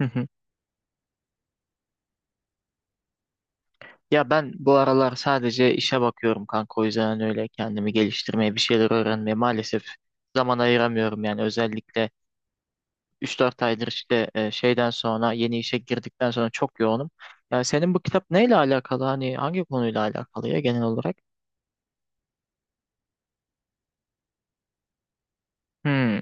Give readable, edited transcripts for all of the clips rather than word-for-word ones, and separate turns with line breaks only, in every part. Hı hı. Ya ben bu aralar sadece işe bakıyorum kanka, o yüzden öyle kendimi geliştirmeye bir şeyler öğrenmeye maalesef zaman ayıramıyorum, yani özellikle üç dört aydır işte şeyden sonra yeni işe girdikten sonra çok yoğunum. Ya senin bu kitap neyle alakalı, hani hangi konuyla alakalı ya genel olarak? Hmm.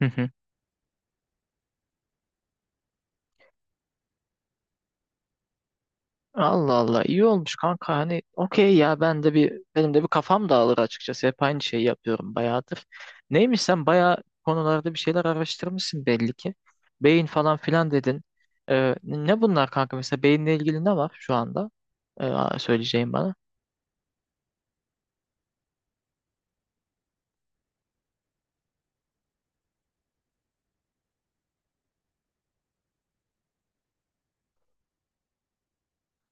Allah Allah, iyi olmuş kanka. Hani okey, ya ben de bir, benim de bir kafam dağılır açıkçası, hep aynı şeyi yapıyorum bayağıdır. Neymiş, sen bayağı konularda bir şeyler araştırmışsın belli ki. Beyin falan filan dedin. Ne bunlar kanka, mesela beyinle ilgili ne var şu anda? Söyleyeceğim bana.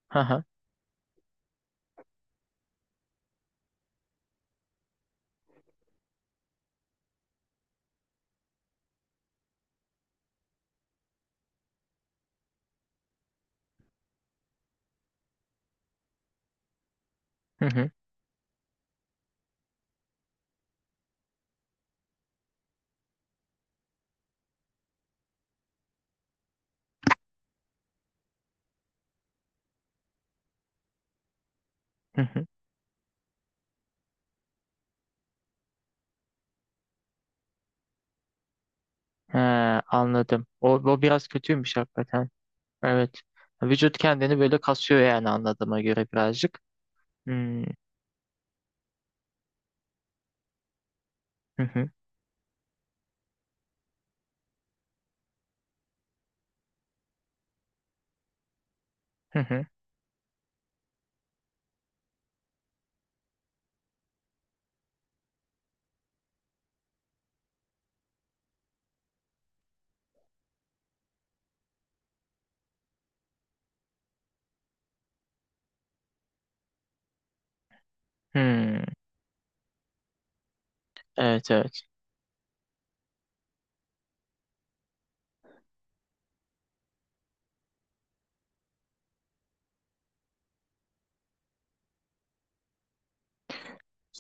Hı hı. Hı hı. Hı hı. He, anladım. O biraz kötüymüş hakikaten. Evet. Vücut kendini böyle kasıyor yani, anladığıma göre birazcık. Hmm. Hı hı. Hı hı. Hmm. Evet, evet.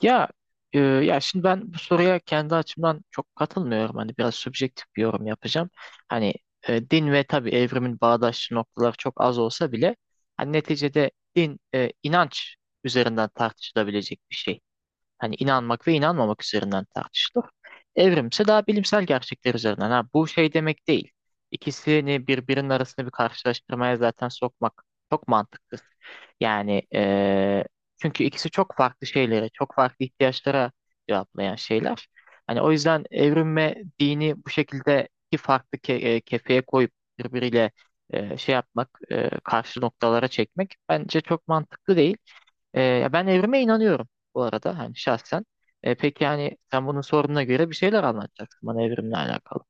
Ya ya şimdi ben bu soruya kendi açımdan çok katılmıyorum. Hani biraz subjektif bir yorum yapacağım. Hani din ve tabii evrimin bağdaşlı noktaları çok az olsa bile, hani neticede din, inanç üzerinden tartışılabilecek bir şey. Hani inanmak ve inanmamak üzerinden tartışılır. Evrimse daha bilimsel gerçekler üzerinden. Ha, bu şey demek değil. İkisini birbirinin arasında bir karşılaştırmaya zaten sokmak çok mantıksız. Yani çünkü ikisi çok farklı şeylere, çok farklı ihtiyaçlara cevaplayan şeyler. Hani o yüzden evrim ve dini bu şekilde iki farklı kefeye koyup birbiriyle şey yapmak, karşı noktalara çekmek bence çok mantıklı değil. Ya ben evrime inanıyorum bu arada, hani şahsen. Peki yani sen bunun sorununa göre bir şeyler anlatacaksın bana evrimle alakalı.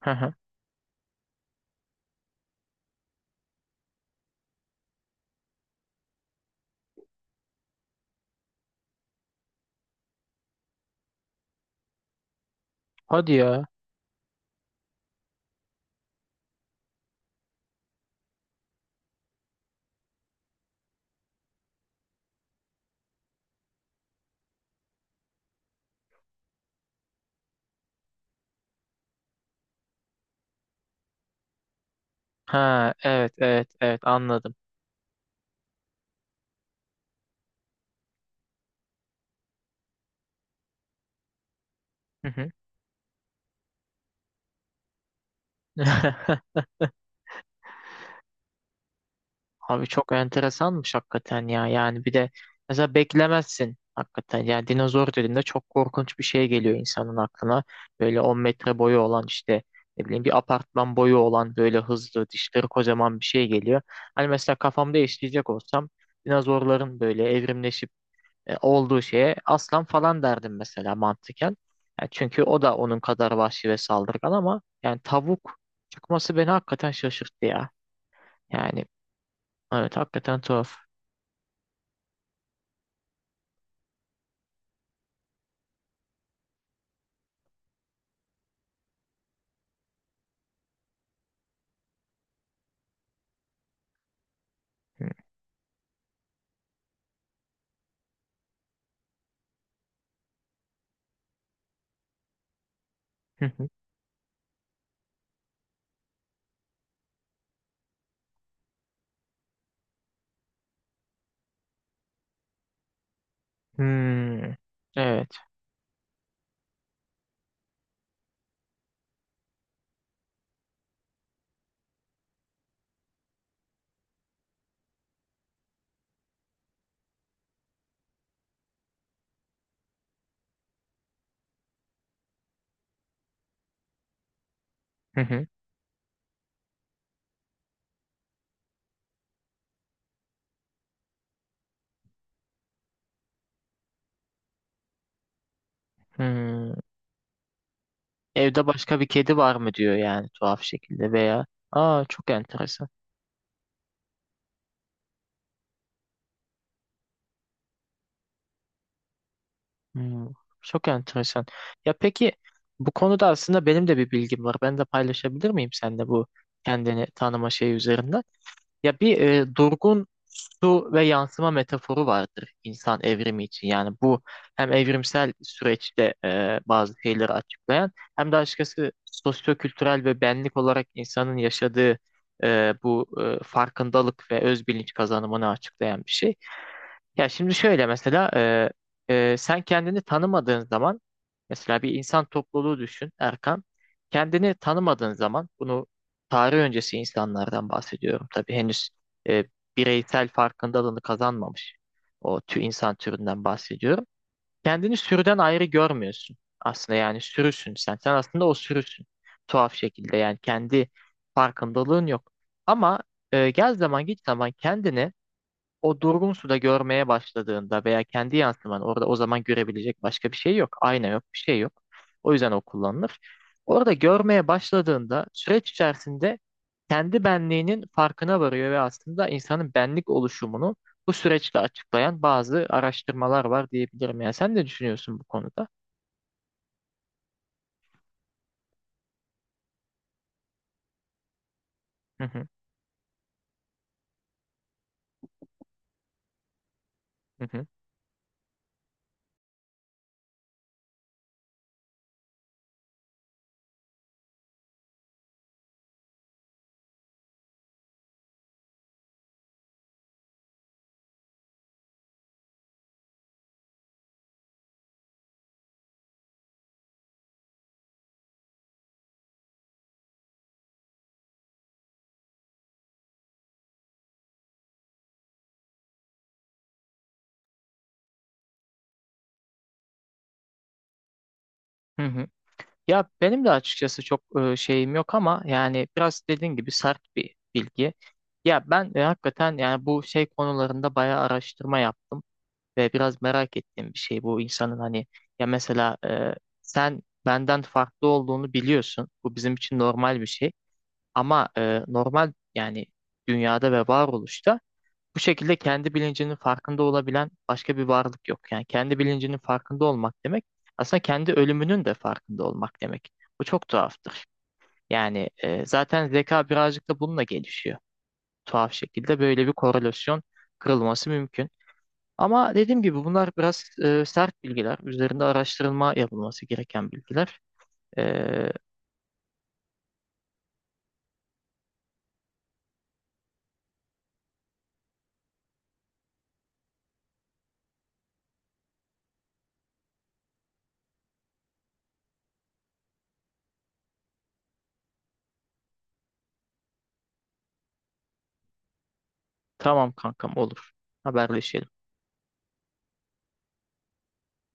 Hı hı. Hadi ya. Ha, evet evet evet, anladım. Hı hı. Abi çok enteresanmış hakikaten ya. Yani bir de mesela beklemezsin hakikaten. Yani dinozor dediğinde çok korkunç bir şey geliyor insanın aklına. Böyle 10 metre boyu olan, işte ne bileyim bir apartman boyu olan, böyle hızlı dişleri kocaman bir şey geliyor. Hani mesela kafamda işleyecek olsam dinozorların böyle evrimleşip olduğu şeye aslan falan derdim mesela, mantıken. Yani çünkü o da onun kadar vahşi ve saldırgan, ama yani tavuk çıkması beni hakikaten şaşırttı ya. Yani evet, hakikaten tuhaf. Hı hı. Hmm. Evet. Hı hı. Hmm. Evde başka bir kedi var mı diyor yani, tuhaf şekilde veya aa, çok enteresan. Hmm, çok enteresan. Ya peki, bu konuda aslında benim de bir bilgim var. Ben de paylaşabilir miyim seninle bu kendini tanıma şeyi üzerinden? Ya bir durgun su ve yansıma metaforu vardır insan evrimi için. Yani bu hem evrimsel süreçte bazı şeyleri açıklayan, hem de açıkçası sosyokültürel ve benlik olarak insanın yaşadığı bu farkındalık ve özbilinç kazanımını açıklayan bir şey. Ya şimdi şöyle mesela sen kendini tanımadığın zaman, mesela bir insan topluluğu düşün Erkan. Kendini tanımadığın zaman, bunu tarih öncesi insanlardan bahsediyorum. Tabii henüz e, bireysel farkındalığını kazanmamış o insan türünden bahsediyorum. Kendini sürüden ayrı görmüyorsun aslında, yani sürüsün sen. Sen aslında o sürüsün, tuhaf şekilde, yani kendi farkındalığın yok. Ama gel zaman git zaman kendini o durgun suda görmeye başladığında veya kendi yansıman orada, o zaman görebilecek başka bir şey yok. Ayna yok, bir şey yok. O yüzden o kullanılır. Orada görmeye başladığında, süreç içerisinde kendi benliğinin farkına varıyor ve aslında insanın benlik oluşumunu bu süreçle açıklayan bazı araştırmalar var diyebilirim. Yani sen ne düşünüyorsun bu konuda? Hı hı, hı hı, hı hı. Ya benim de açıkçası çok şeyim yok, ama yani biraz dediğin gibi sert bir bilgi. Ya ben hakikaten yani bu şey konularında bayağı araştırma yaptım ve biraz merak ettiğim bir şey bu insanın, hani ya mesela sen benden farklı olduğunu biliyorsun. Bu bizim için normal bir şey, ama normal yani dünyada ve varoluşta bu şekilde kendi bilincinin farkında olabilen başka bir varlık yok. Yani kendi bilincinin farkında olmak demek aslında kendi ölümünün de farkında olmak demek. Bu çok tuhaftır. Yani zaten zeka birazcık da bununla gelişiyor. Tuhaf şekilde böyle bir korelasyon kırılması mümkün. Ama dediğim gibi bunlar biraz sert bilgiler. Üzerinde araştırılma yapılması gereken bilgiler. E, tamam kankam, olur. Haberleşelim.